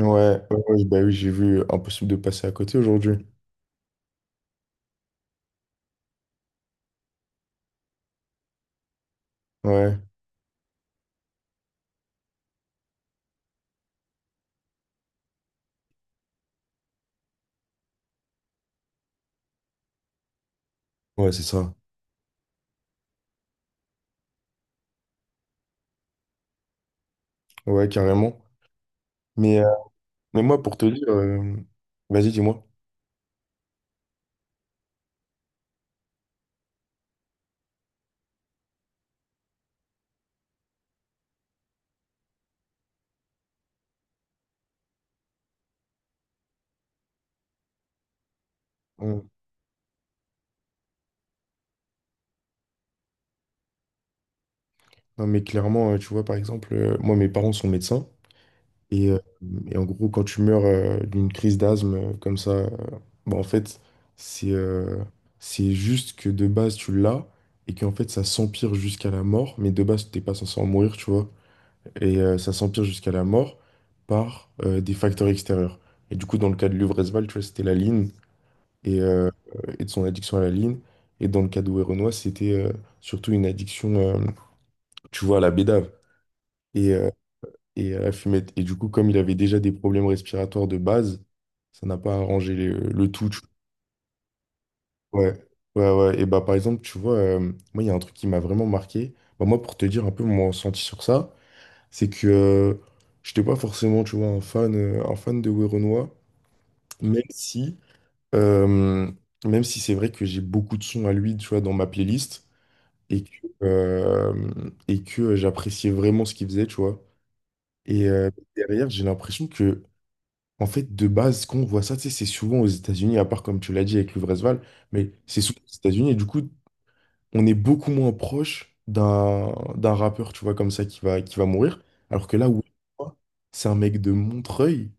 Ouais, ouais, ouais, bah oui, j'ai vu impossible de passer à côté aujourd'hui. Ouais, ouais, c'est ça. Ouais, carrément. Mais, euh, mais moi, pour te dire, vas-y, dis-moi. Euh, Non, mais clairement, tu vois, par exemple, moi, mes parents sont médecins. Et, euh, et en gros, quand tu meurs d'une crise d'asthme comme ça, bah, en fait, c'est euh, c'est juste que de base, tu l'as et qu'en fait, ça s'empire jusqu'à la mort. Mais de base, t'es pas censé en mourir, tu vois. Et ça s'empire jusqu'à la mort par des facteurs extérieurs. Et du coup, dans le cas de Luvresval, tu vois, c'était la ligne et, euh, et de son addiction à la ligne. Et dans le cas de Renoir, c'était surtout une addiction, tu vois, à la bédave et, euh, et à la fumette. Et du coup, comme il avait déjà des problèmes respiratoires de base, ça n'a pas arrangé le tout. Tu ouais, ouais, ouais. Et bah, par exemple, tu vois, moi, il y a un truc qui m'a vraiment marqué. Bah, moi, pour te dire un peu mon ressenti sur ça, c'est que je n'étais pas forcément, tu vois, un fan de Werenoi, même si, euh, même si c'est vrai que j'ai beaucoup de sons à lui, tu vois, dans ma playlist, et que, euh, et que j'appréciais vraiment ce qu'il faisait, tu vois. Et derrière, j'ai l'impression que, en fait, de base, quand on voit ça, tu sais, c'est souvent aux États-Unis, à part, comme tu l'as dit, avec Luvresval, mais c'est souvent aux États-Unis, et du coup, on est beaucoup moins proche d'un rappeur, tu vois, comme ça, qui va mourir. Alors que là, où c'est un mec de Montreuil,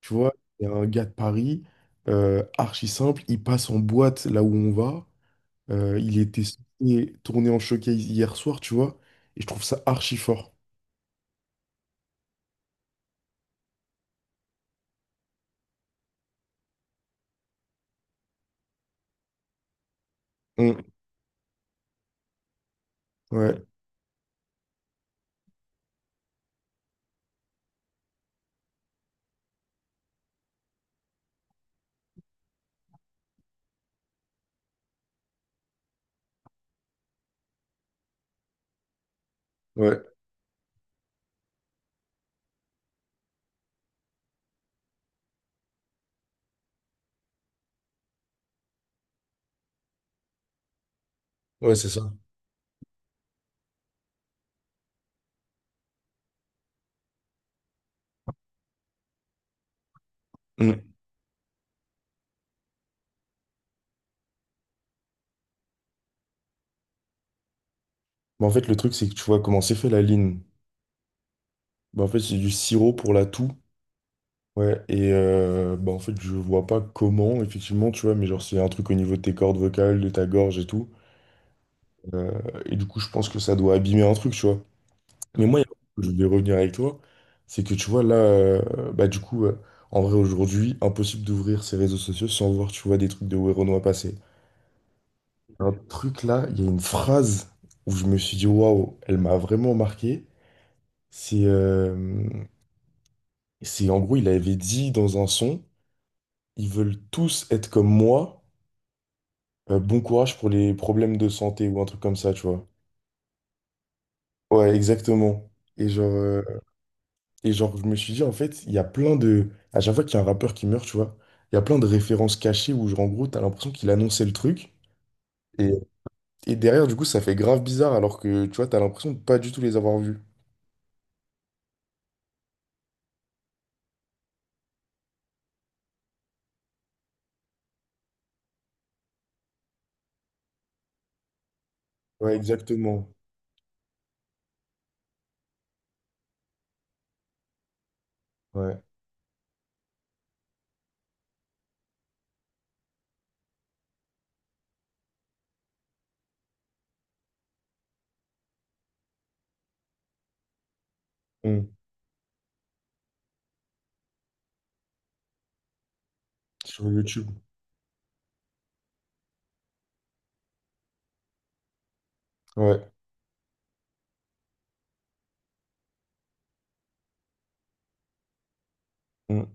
tu vois, c'est un gars de Paris, archi simple, il passe en boîte là où on va. Il était censé tourner en showcase hier soir, tu vois, et je trouve ça archi fort. Mm. Ouais, ouais, ouais, c'est ça. Mm. Mais en fait, le truc, c'est que tu vois comment c'est fait la ligne. Bah, en fait, c'est du sirop pour la toux. Ouais, et bah en fait, je vois pas comment, effectivement, tu vois, mais genre, s'il y a un truc au niveau de tes cordes vocales, de ta gorge et tout. Euh, et du coup, je pense que ça doit abîmer un truc, tu vois. Mais moi, il y a un truc que je voulais revenir avec toi, c'est que tu vois, là, du coup, en vrai, aujourd'hui, impossible d'ouvrir ces réseaux sociaux sans voir, tu vois, des trucs de Werenoi passer. Un truc là, il y a une phrase où je me suis dit, waouh, elle m'a vraiment marqué. C'est, euh, c'est en gros, il avait dit dans un son, ils veulent tous être comme moi, bon courage pour les problèmes de santé ou un truc comme ça, tu vois. Ouais, exactement. Et genre, euh, et genre, je me suis dit, en fait, il y a plein de. À chaque fois qu'il y a un rappeur qui meurt, tu vois, il y a plein de références cachées où, genre, en gros, t'as l'impression qu'il annonçait le truc. Et, et derrière, du coup, ça fait grave bizarre alors que, tu vois, t'as l'impression de pas du tout les avoir vus. Ouais, exactement. Ouais. Mm. Sur YouTube. Ouais. Mm.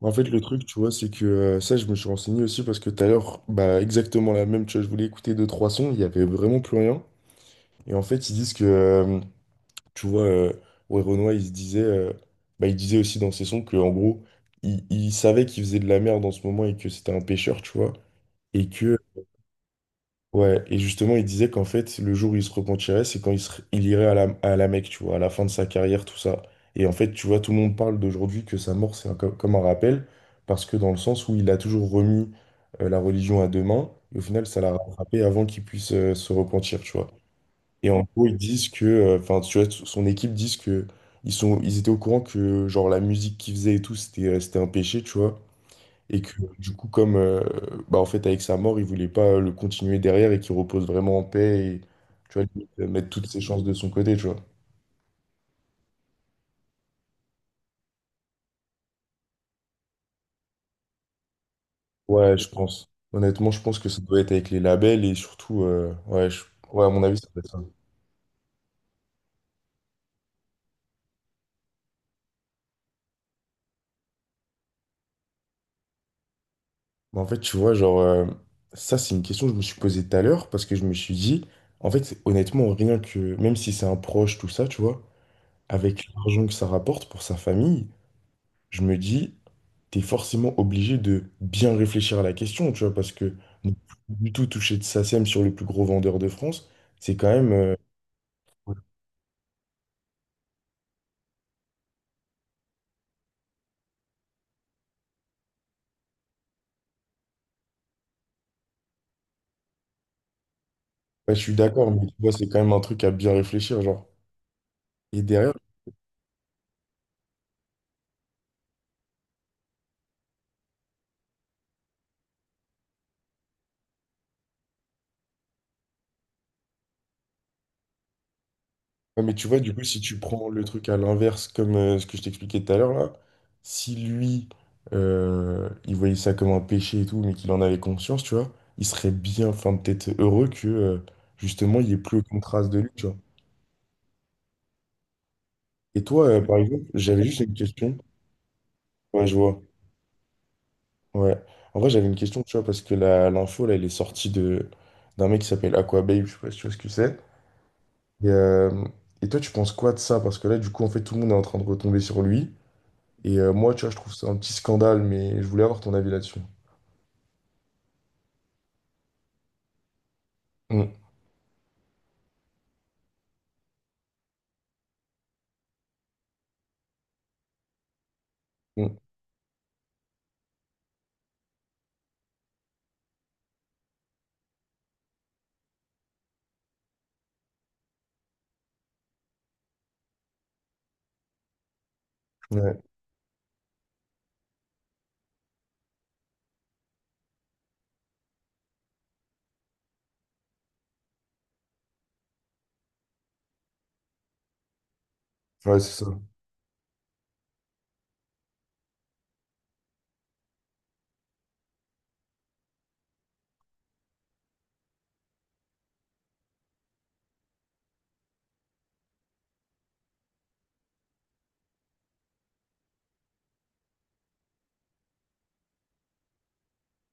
En fait, le truc, tu vois, c'est que ça, je me suis renseigné aussi parce que tout à l'heure, bah, exactement la même, tu vois, je voulais écouter 2, 3 sons, il y avait vraiment plus rien. Et en fait, ils disent que, tu vois, euh, Ray Renoir, il se disait, bah, il disait aussi dans ses sons que, en gros, il savait qu'il faisait de la merde en ce moment et que c'était un pêcheur, tu vois. Et que, ouais, et justement, il disait qu'en fait, le jour où il se repentirait, c'est quand il irait à à la Mecque, tu vois, à la fin de sa carrière, tout ça. Et en fait, tu vois, tout le monde parle d'aujourd'hui que sa mort, comme un rappel, parce que dans le sens où il a toujours remis la religion à deux mains, et au final, ça l'a rattrapé avant qu'il puisse se repentir, tu vois. Et en gros, ils disent que, enfin, tu vois, son équipe disent que ils étaient au courant que, genre, la musique qu'ils faisaient et tout, c'était un péché, tu vois. Et que, du coup, bah, en fait, avec sa mort, ils voulaient pas le continuer derrière et qu'il repose vraiment en paix et, tu vois, limite, mettre toutes ses chances de son côté, tu vois. Ouais, je pense. Honnêtement, je pense que ça doit être avec les labels et surtout, ouais, je- ouais, à mon avis, ça doit être ça. Bah, en fait, tu vois, ça, c'est une question que je me suis posée tout à l'heure parce que je me suis dit, en fait, honnêtement, rien que, même si c'est un proche, tout ça, tu vois, avec l'argent que ça rapporte pour sa famille, je me dis, t'es forcément obligé de bien réfléchir à la question, tu vois, parce que ne plus du tout toucher de SACEM sur le plus gros vendeur de France, c'est quand même, ouais, je suis d'accord, mais tu vois, c'est quand même un truc à bien réfléchir, genre. Et derrière, ouais, mais tu vois, du coup, si tu prends le truc à l'inverse, comme ce que je t'expliquais tout à l'heure, là, si lui, il voyait ça comme un péché et tout, mais qu'il en avait conscience, tu vois, il serait bien, enfin, peut-être heureux que, justement, il n'y ait plus aucune trace de lui, tu vois. Et toi, par exemple, j'avais juste une question. Ouais, je vois. Ouais. En vrai, j'avais une question, tu vois, parce que l'info, là, elle est sortie de d'un mec qui s'appelle Aquababe, je sais pas si tu vois ce que c'est. Et, euh, et toi, tu penses quoi de ça? Parce que là, du coup, en fait, tout le monde est en train de retomber sur lui. Et moi, tu vois, je trouve ça un petit scandale, mais je voulais avoir ton avis là-dessus. Mm, mm, ouais, ouais, c'est ça.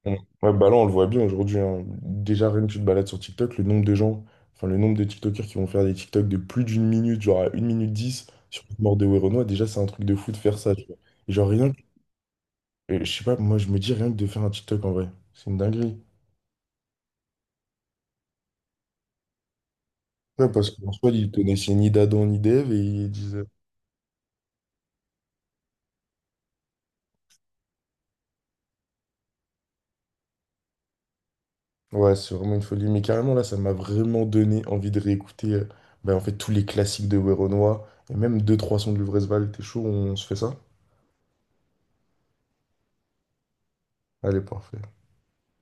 Mm. Ouais, bah là, on le voit bien aujourd'hui, hein. Déjà, rien que tu te balades sur TikTok, le nombre de gens, enfin, le nombre de TikTokers qui vont faire des TikTok de plus d'1 minute, genre à 1 minute 10, sur la mort de Werenoi, déjà, c'est un truc de fou de faire ça, tu vois. Et genre, rien que, et je sais pas, moi, je me dis rien que de faire un TikTok en vrai. C'est une dinguerie. Ouais, parce qu'en soi, ils connaissaient ni d'Adam ni d'Ève et ils disent. Ouais, c'est vraiment une folie. Mais carrément, là, ça m'a vraiment donné envie de réécouter ben, en fait, tous les classiques de Werenoi et même 2 3 sons de Luvresval. T'es chaud, on se fait ça? Allez, parfait.